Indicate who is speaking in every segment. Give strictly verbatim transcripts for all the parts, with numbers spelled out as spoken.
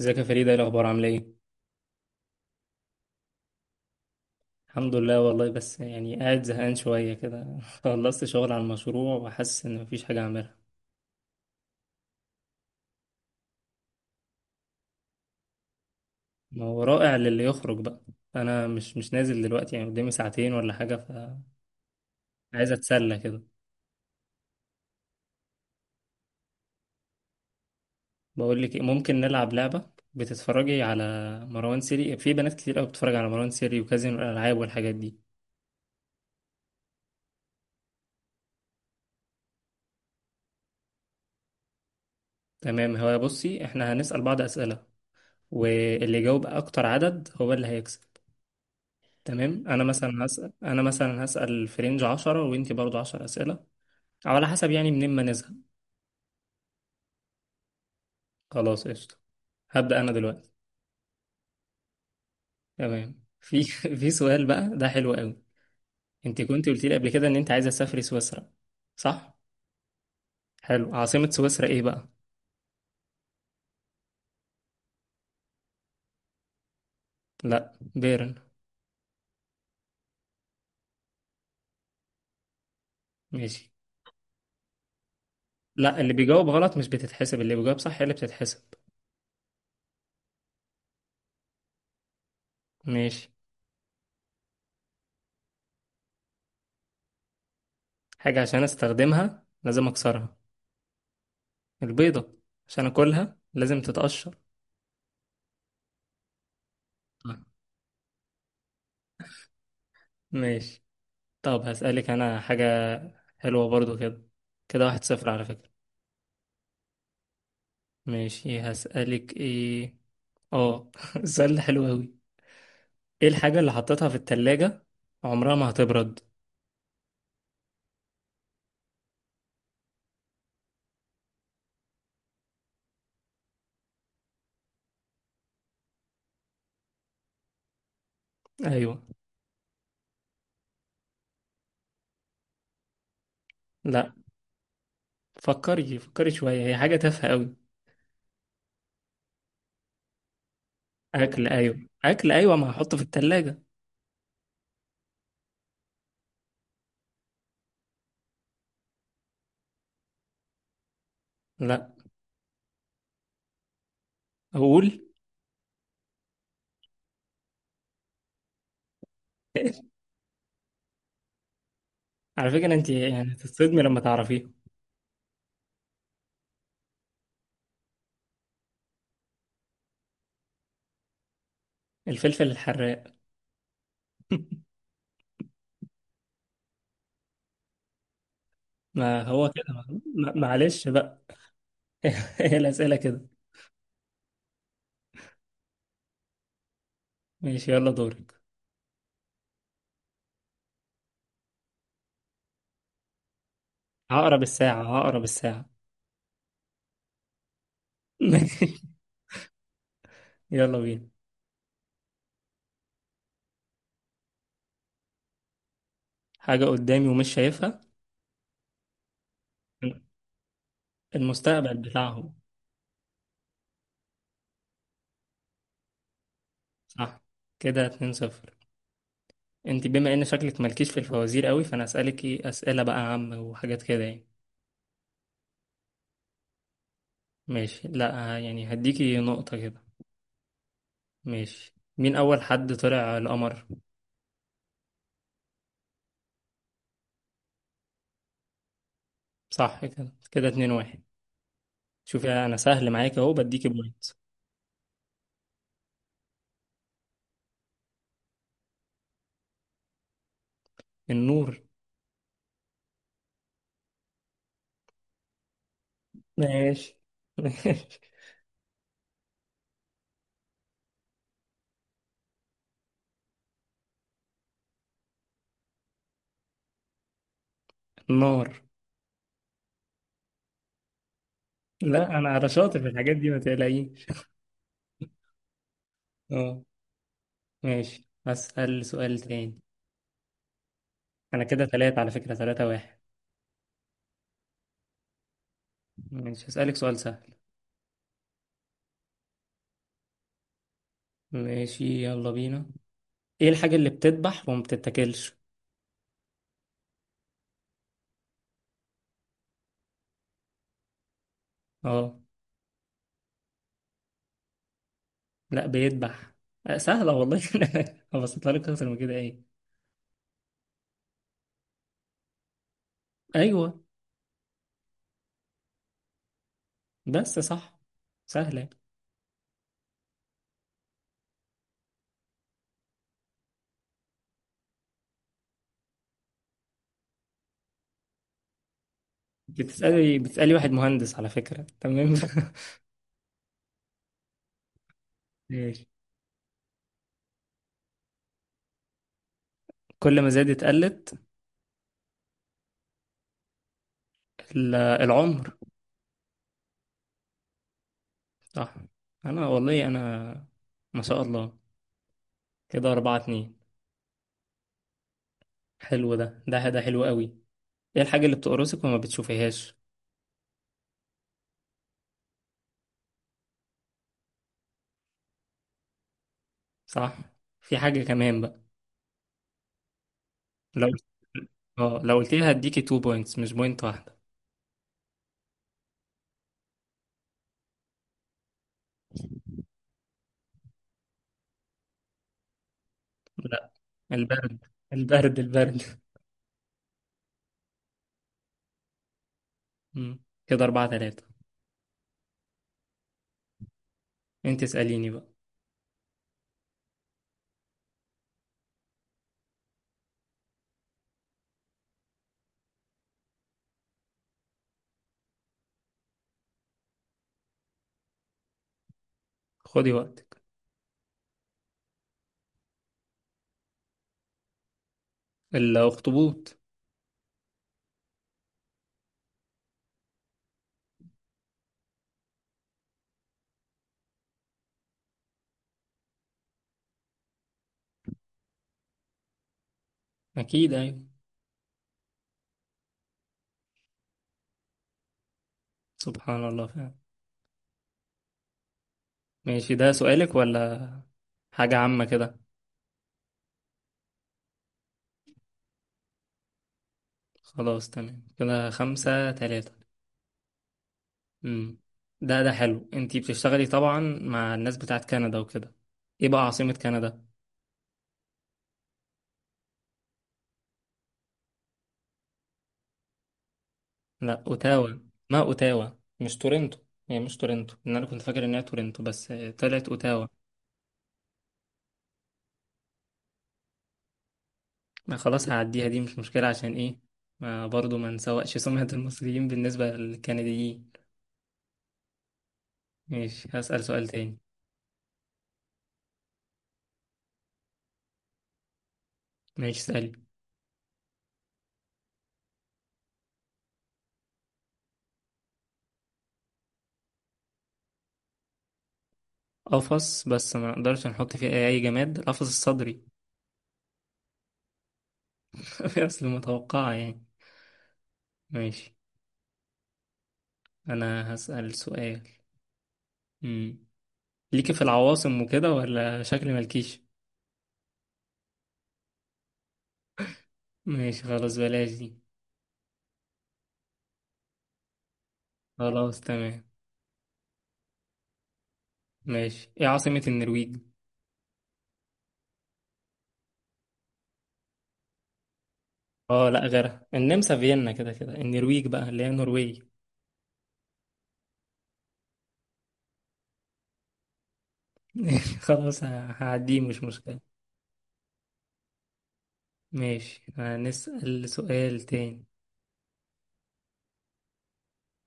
Speaker 1: ازيك يا فريدة، ايه الاخبار؟ عامله ايه؟ الحمد لله والله، بس يعني قاعد زهقان شويه كده. خلصت شغل على المشروع وحاسس ان مفيش حاجه اعملها. ما هو رائع للي يخرج بقى. انا مش مش نازل دلوقتي، يعني قدامي ساعتين ولا حاجه، فعايز اتسلى كده. بقول لك إيه، ممكن نلعب لعبه. بتتفرجي على مروان سيري؟ في بنات كتير قوي بتتفرج على مروان سيري وكازينو الالعاب والحاجات دي. تمام. هو بصي، احنا هنسال بعض اسئله واللي يجاوب اكتر عدد هو اللي هيكسب. تمام. انا مثلا هسأل، انا مثلا هسأل في رينج عشرة، وانتي برضو عشر أسئلة، او على حسب يعني، منين ما نزهق. خلاص قشطة. هبدأ انا دلوقتي. تمام. في في سؤال بقى ده حلو قوي. انت كنت قلت لي قبل كده ان انت عايزة تسافري سويسرا، صح؟ حلو، عاصمة سويسرا ايه بقى؟ لا، بيرن. ماشي. لا، اللي بيجاوب غلط مش بتتحسب، اللي بيجاوب صح هي اللي بتتحسب. ماشي. حاجة عشان استخدمها لازم اكسرها؟ البيضة، عشان اكلها لازم تتقشر. طيب. ماشي. طب هسألك أنا حاجة حلوة برضو كده. كده واحد صفر على فكرة. ماشي. هسألك إيه؟ آه، السؤال ده حلو أوي. إيه الحاجة اللي حطيتها في التلاجة عمرها ما هتبرد؟ أيوة. لأ، فكري فكري شوية، هي حاجة تافهة أوي. أكل، أيوة أكل، أيوة ما هحطه في التلاجة. لأ. أقول؟ على فكرة أنت يعني هتتصدمي لما تعرفيه. الفلفل الحراق. ما هو كده. ما- معلش بقى. هي الأسئلة كده. ماشي يلا دورك. عقرب الساعة، عقرب الساعة. يلا بينا. حاجة قدامي ومش شايفها؟ المستقبل بتاعهم. صح. كده اتنين صفر. انت بما ان شكلك مالكيش في الفوازير قوي، فانا اسألك ايه اسئلة بقى عامة وحاجات كده يعني. ماشي، لا يعني هديكي نقطة كده. ماشي، مين اول حد طلع القمر؟ صح. كده كده اتنين واحد. شوفي انا سهل معاك اهو، بديكي بوينت. النور. ماشي. ماشي. النار. لا انا على شاطر في الحاجات دي، ما تقلقيش. اه. ماشي. هسأل سؤال تاني. انا كده تلاتة على فكرة، تلاتة واحد. ماشي هسألك سؤال سهل. ماشي يلا بينا. ايه الحاجة اللي بتدبح وما بتتاكلش؟ اه لا، بيدبح. آه، سهلة والله. هبسطها لك اكتر من كده. ايه؟ ايوه. بس صح. سهلة. بتسألي بتسألي واحد مهندس على فكرة، تمام. ماشي. كل ما زادت قلت؟ ال- العمر. صح. انا والله انا، ما شاء الله. كده أربعة اتنين. حلو، ده ده ده حلو قوي. ايه الحاجة اللي بتقرصك وما بتشوفيهاش؟ صح. في حاجة كمان بقى. لو، اه لو قلت لي هديكي اتنين بوينتس مش بوينت واحدة. لا، البرد، البرد، البرد. مم. كده أربعة تلاتة. انت اسأليني بقى. خدي وقتك. الأخطبوط. أكيد أيوة. سبحان الله فعلا. ماشي، ده سؤالك ولا حاجة عامة كده؟ خلاص تمام، كده خمسة تلاتة. مم. ده ده حلو، انت بتشتغلي طبعا مع الناس بتاعت كندا وكده، ايه بقى عاصمة كندا؟ لا، اوتاوا. ما اوتاوا، مش تورنتو. هي مش تورنتو، لان انا كنت فاكر انها تورنتو، بس آه، طلعت اوتاوا. ما خلاص هعديها دي، مش مشكلة. عشان ايه؟ ما برضو ما نسوقش سمعة المصريين بالنسبة للكنديين. ماشي هسأل سؤال تاني. ماشي اسألي. قفص بس ما نقدرش نحط فيه اي أي جماد؟ القفص الصدري. اصل متوقعة يعني. ماشي. انا هسأل سؤال. مم. ليكي في العواصم وكده ولا شكل مالكيش؟ ماشي خلاص بلاش دي. خلاص تمام. ماشي، ايه عاصمة النرويج؟ اه لا، غيرها، النمسا فيينا كده كده، النرويج بقى اللي هي نرويج. خلاص، ه- هعديه، مش مشكلة. ماشي هنسأل سؤال تاني.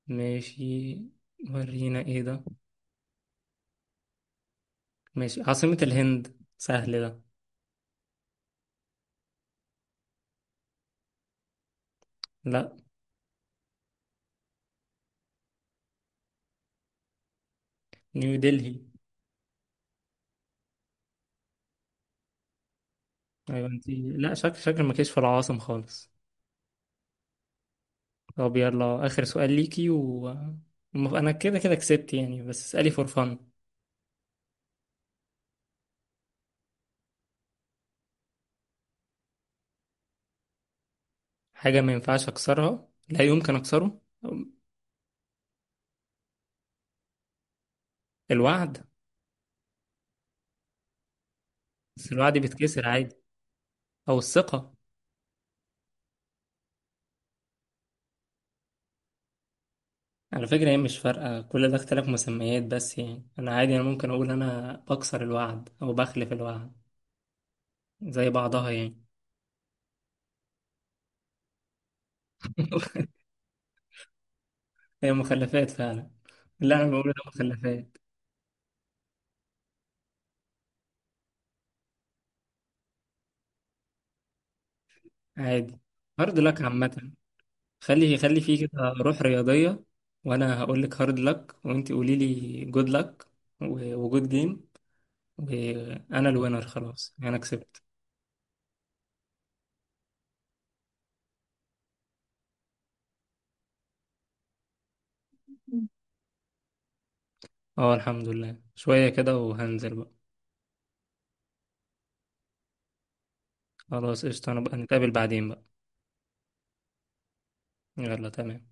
Speaker 1: ماشي. ورينا ايه ده. ماشي، عاصمة الهند، سهل ده. لا، نيو دلهي. ايوه، انت لا، شكل شكل ما كانش في العواصم خالص. طب يلا اخر سؤال ليكي، و المف- انا كده كده كسبت يعني، بس اسألي فور فن. حاجة ما ينفعش اكسرها، لا يمكن اكسره؟ الوعد. بس الوعد بيتكسر عادي. او الثقة. على فكرة هي مش فارقة، كل ده اختلاف مسميات بس يعني. انا عادي، انا ممكن اقول انا بكسر الوعد او بخلف الوعد، زي بعضها يعني. هي مخلفات فعلا. لا انا بقول ده مخلفات. عادي، هارد لك عامة. خلي خلي فيه كده روح رياضية. وانا هقول لك هارد لك، وانت قولي لي جود لك، وجود جيم، وانا الوينر، خلاص يعني انا كسبت. اه الحمد لله شوية كده، وهنزل بقى. خلاص قشطة. أنا بقى نتقابل بعدين بقى. يلا تمام.